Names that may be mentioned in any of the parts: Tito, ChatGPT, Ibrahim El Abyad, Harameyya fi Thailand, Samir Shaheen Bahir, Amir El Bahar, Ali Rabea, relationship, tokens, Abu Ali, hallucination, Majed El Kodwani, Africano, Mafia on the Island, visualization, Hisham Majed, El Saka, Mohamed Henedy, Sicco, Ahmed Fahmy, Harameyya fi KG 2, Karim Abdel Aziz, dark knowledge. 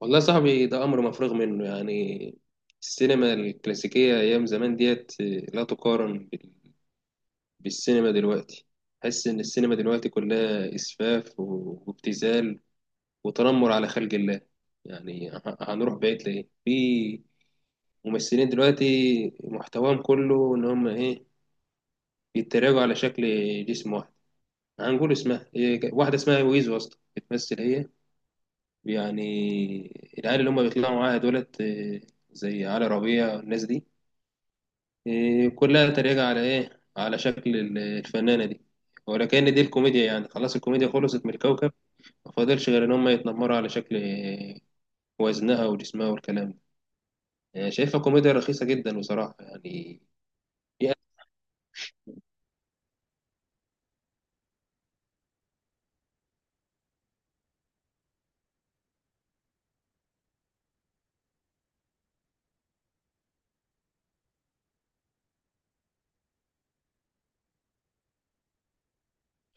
والله يا صاحبي ده أمر مفروغ منه يعني السينما الكلاسيكية أيام زمان ديت لا تقارن بالسينما دلوقتي. حس إن السينما دلوقتي كلها إسفاف وابتذال وتنمر على خلق الله. يعني هنروح بعيد لإيه؟ في ممثلين دلوقتي محتواهم كله إن هم إيه، بيتريقوا على شكل جسم واحد. هنقول اسمها إيه، واحدة اسمها ويزو أصلا بتمثل هي يعني، العيال اللي هم بيطلعوا معاها دولت زي علي ربيع والناس دي كلها تريقة على إيه، على شكل الفنانة دي. ولكن دي الكوميديا يعني، خلاص الكوميديا خلصت من الكوكب. ما فاضلش غير إن هم يتنمروا على شكل وزنها وجسمها والكلام ده. يعني شايفها كوميديا رخيصة جدا بصراحة يعني. هي-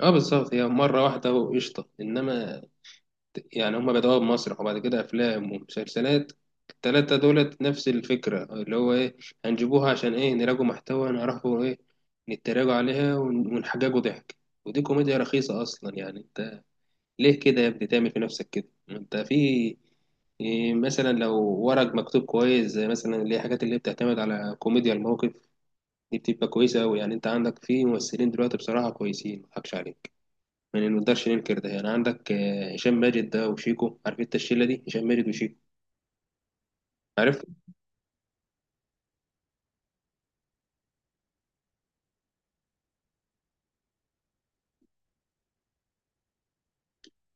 اه بالظبط، هي مرة واحدة وقشطة، إنما يعني هما بدأوها بمسرح وبعد كده أفلام ومسلسلات. التلاتة دولت نفس الفكرة اللي هو إيه، هنجيبوها عشان إيه، نراجعوا محتوى، نعرفوا إيه، نتراجعوا عليها ونحججوا ضحك. ودي كوميديا رخيصة أصلا يعني. أنت ليه كده يا ابني تعمل في نفسك كده؟ ما أنت في إيه مثلا، لو ورق مكتوب كويس زي مثلا اللي هي الحاجات اللي بتعتمد على كوميديا الموقف، دي بتبقى كويسة أوي. يعني أنت عندك في ممثلين دلوقتي بصراحة كويسين مضحكش عليك. يعني ما نقدرش ننكر ده. يعني عندك هشام ماجد ده وشيكو، عارف انت الشله دي، هشام ماجد وشيكو، عارف.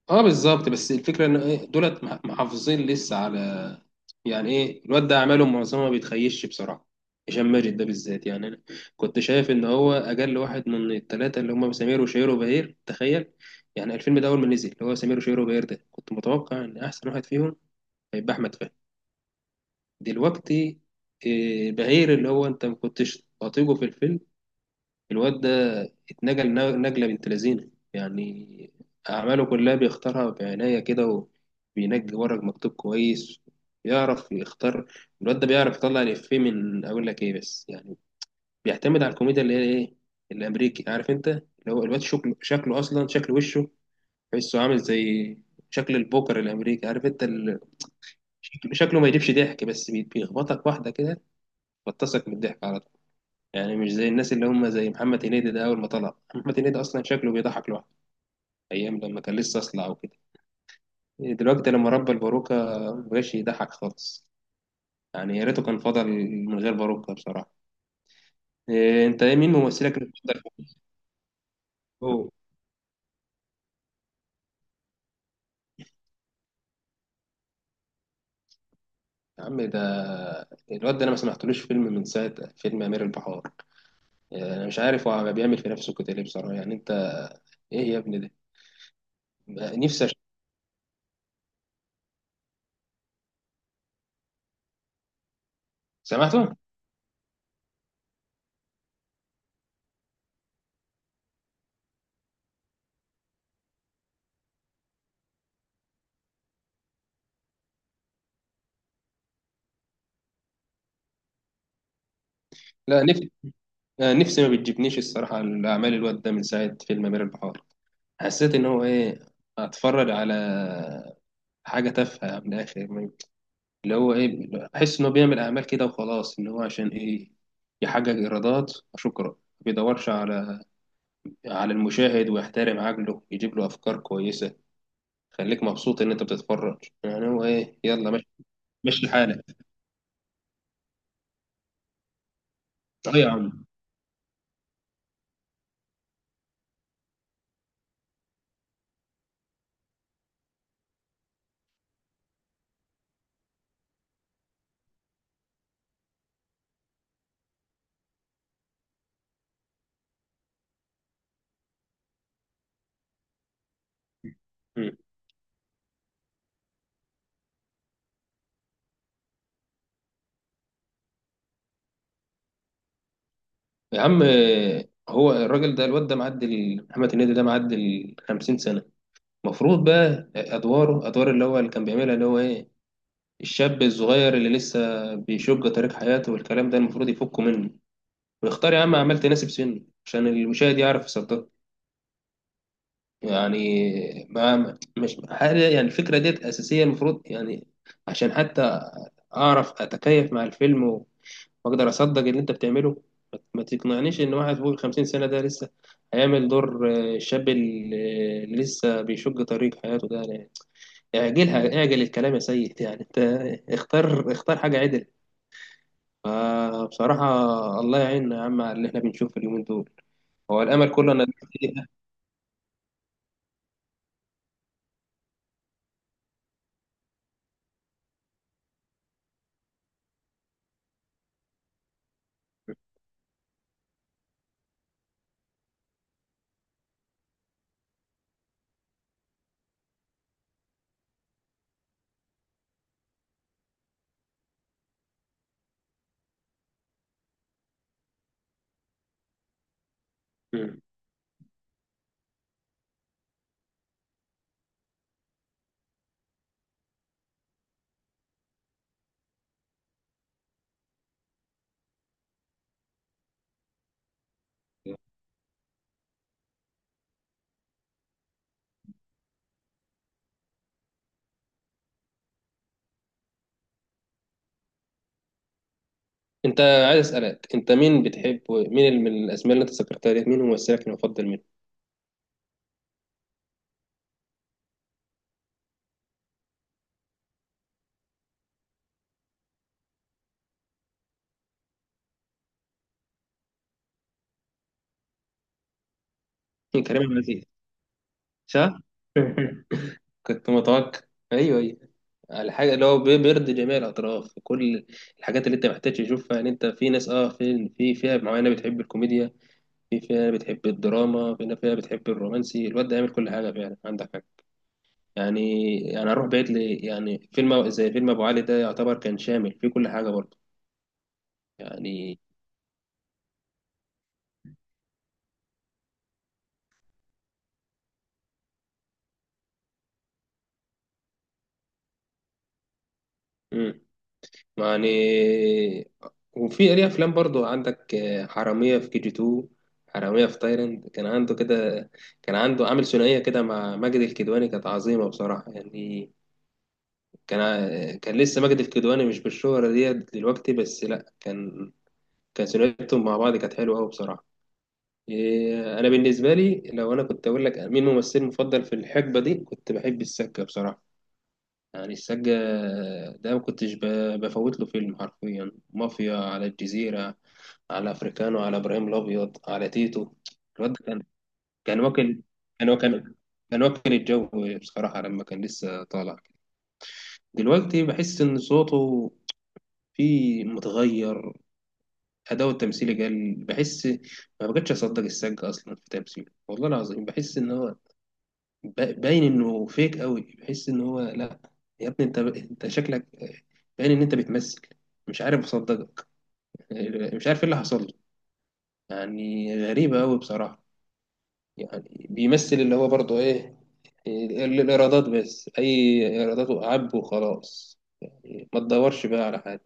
اه بالظبط، بس الفكره ان ايه، دولت محافظين لسه على يعني ايه. الواد ده اعماله معظمها ما بيتخيش بصراحه. هشام ماجد ده بالذات، يعني انا كنت شايف ان هو اجل واحد من الثلاثه اللي هم سمير وشهير وبهير. تخيل يعني، الفيلم ده اول ما نزل اللي هو سمير وشهير وبهير ده، كنت متوقع ان احسن واحد فيهم هيبقى احمد فهمي. دلوقتي بهير اللي هو انت ما كنتش تطيقه في الفيلم، الواد ده اتنجل نجلة بنت لذينة يعني. أعماله كلها بيختارها بعناية كده، وبينجي ورق مكتوب كويس. بيعرف يختار. الواد ده بيعرف يطلع الإفيه من أقول لك إيه، بس يعني بيعتمد على الكوميديا اللي هي إيه، الأمريكي، عارف أنت اللي هو. الواد شكله شكله أصلا، شكل وشه تحسه عامل زي شكل البوكر الأمريكي، عارف أنت شكله. شكله ما يجيبش ضحك، بس بيخبطك واحدة كده بتصك من الضحك على طول. يعني مش زي الناس اللي هم زي محمد هنيدي ده. أول ما طلع محمد هنيدي أصلا شكله بيضحك لوحده، أيام لما كان لسه أصلع وكده. دلوقتي لما ربى الباروكة مبقاش يضحك خالص. يعني يا ريته كان فضل من غير باروكة بصراحة. إيه أنت، إيه مين ممثلك المفضل؟ هو يا عم، ده الواد ده أنا ما سمعتلوش فيلم من ساعة فيلم أمير البحار. إيه، أنا مش عارف هو بيعمل في نفسه كده ليه بصراحة. يعني أنت إيه يا ابني؟ ده نفسي سمعته؟ لا نفسي نفسي ما بتجيبنيش الصراحة الأعمال. الواد ده من ساعة فيلم أمير البحار حسيت ان هو ايه، اتفرج على حاجه تافهه من الاخر. اللي هو ايه، احس انه بيعمل اعمال كده وخلاص، ان هو عشان ايه، يحقق ايرادات. شكرا. ما بيدورش على على المشاهد ويحترم عقله يجيب له افكار كويسه. خليك مبسوط ان انت بتتفرج يعني. هو ايه، يلا مش مشي حالك. اه يا عم. مم. يا عم هو الراجل ده الواد ده معدي، محمد هنيدي ده معدي ال 50 سنه. المفروض بقى ادواره ادوار اللي هو اللي كان بيعملها، اللي هو ايه، الشاب الصغير اللي لسه بيشق طريق حياته والكلام ده المفروض يفكه منه. ويختار يا عم أعمال تناسب سنه، عشان المشاهد يعرف يصدقها. يعني ما مش حاجة يعني، الفكرة ديت أساسية المفروض يعني، عشان حتى أعرف أتكيف مع الفيلم وأقدر أصدق اللي أنت بتعمله. ما ما تقنعنيش إن واحد فوق الخمسين سنة ده لسه هيعمل دور الشاب اللي لسه بيشق طريق حياته ده يعني. اعجلها، اعجل الكلام يا سيد. يعني أنت اختار، اختار حاجة عدل. فبصراحة الله يعيننا يا عم على اللي احنا بنشوفه اليومين دول. هو الأمل كله أنا. مم. أنت عايز أسألك، أنت مين بتحب؟ مين من الأسماء اللي أنت ذكرتها ديت مين ممثلك المفضل منه؟ مين، كريم عبد العزيز؟ صح؟ كنت متوقع. أيوه أيوه. الحاجة اللي هو بيرضي جميع الأطراف، كل الحاجات اللي أنت محتاج تشوفها. يعني أنت في ناس، أه، في في فئة معينة بتحب الكوميديا، في فئة بتحب الدراما، في فئة بتحب الرومانسي. الواد ده يعمل كل حاجة فعلا، عندك حاجة يعني، يعني اروح بعيد لي، يعني فيلم زي فيلم ابو علي ده يعتبر كان شامل فيه كل حاجه برضه يعني. امم. يعني وفي ليه افلام برضه عندك حراميه في كي جي 2، حراميه في تايلاند. كان عنده كده، كان عنده عامل ثنائيه كده مع ماجد الكدواني، كانت عظيمه بصراحه يعني. كان لسه ماجد الكدواني مش بالشهره ديت دلوقتي، بس لا، كان، كان ثنائيتهم مع بعض كانت حلوه قوي بصراحه. إيه، انا بالنسبه لي، لو انا كنت اقول لك مين ممثلي المفضل في الحقبه دي، كنت بحب السقا بصراحه. يعني السقا ده ما كنتش بفوت له فيلم حرفيا، مافيا، على الجزيره، على افريكانو، على ابراهيم الابيض، على تيتو. الواد ده كان، كان واكل، كان واكل، كان واكل الجو بصراحه لما كان لسه طالع. دلوقتي بحس ان صوته فيه متغير، أداء التمثيل قل بحس. ما بقتش أصدق السقا أصلا في تمثيله والله العظيم. بحس إن هو باين انه فيك قوي. بحس ان هو لا، يا ابني انت، انت شكلك باين ان انت بتمثل، مش عارف اصدقك. مش عارف ايه اللي حصل له. يعني غريبة قوي بصراحة. يعني بيمثل اللي هو برضه ايه، الايرادات بس، اي ايرادات وعب وخلاص، يعني ما تدورش بقى على حاجة.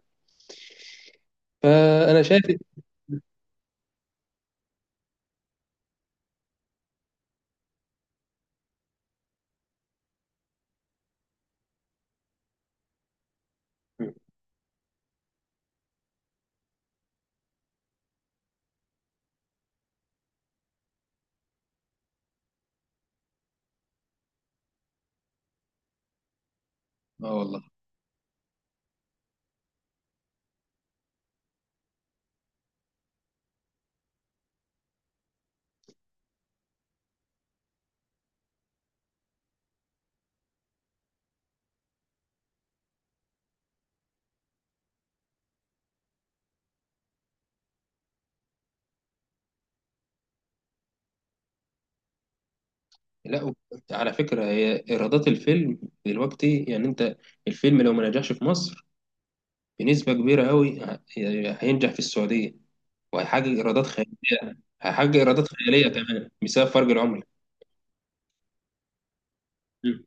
فانا شايف. اه والله. لا على فكرة هي ايرادات الفيلم دلوقتي يعني انت، الفيلم لو ما نجحش في مصر بنسبة كبيرة أوي هينجح في السعودية، وهيحقق إيرادات خيالية، هيحقق إيرادات خيالية كمان بسبب فرق العملة. مم.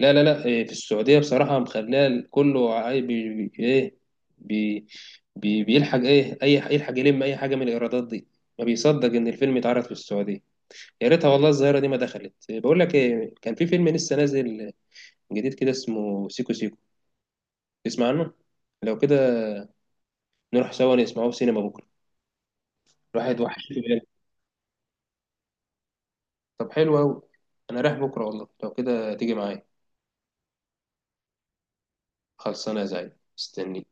لا لا لا إيه، في السعودية بصراحة مخليها كله إيه، بي، بي بيلحق إيه، أي يلحق يلم أي حاجة من الإيرادات دي. ما بيصدق إن الفيلم اتعرض في السعودية. يا ريتها والله الظاهرة دي ما دخلت. إيه، بقول لك إيه، كان في فيلم لسه نازل جديد كده اسمه سيكو سيكو، تسمع عنه؟ لو كده نروح سوا نسمعه في سينما بكرة. الواحد وحش، طب حلو أوي. أنا رايح بكرة والله، لو كده تيجي معايا. خلصانة يا زعيم، مستنيك.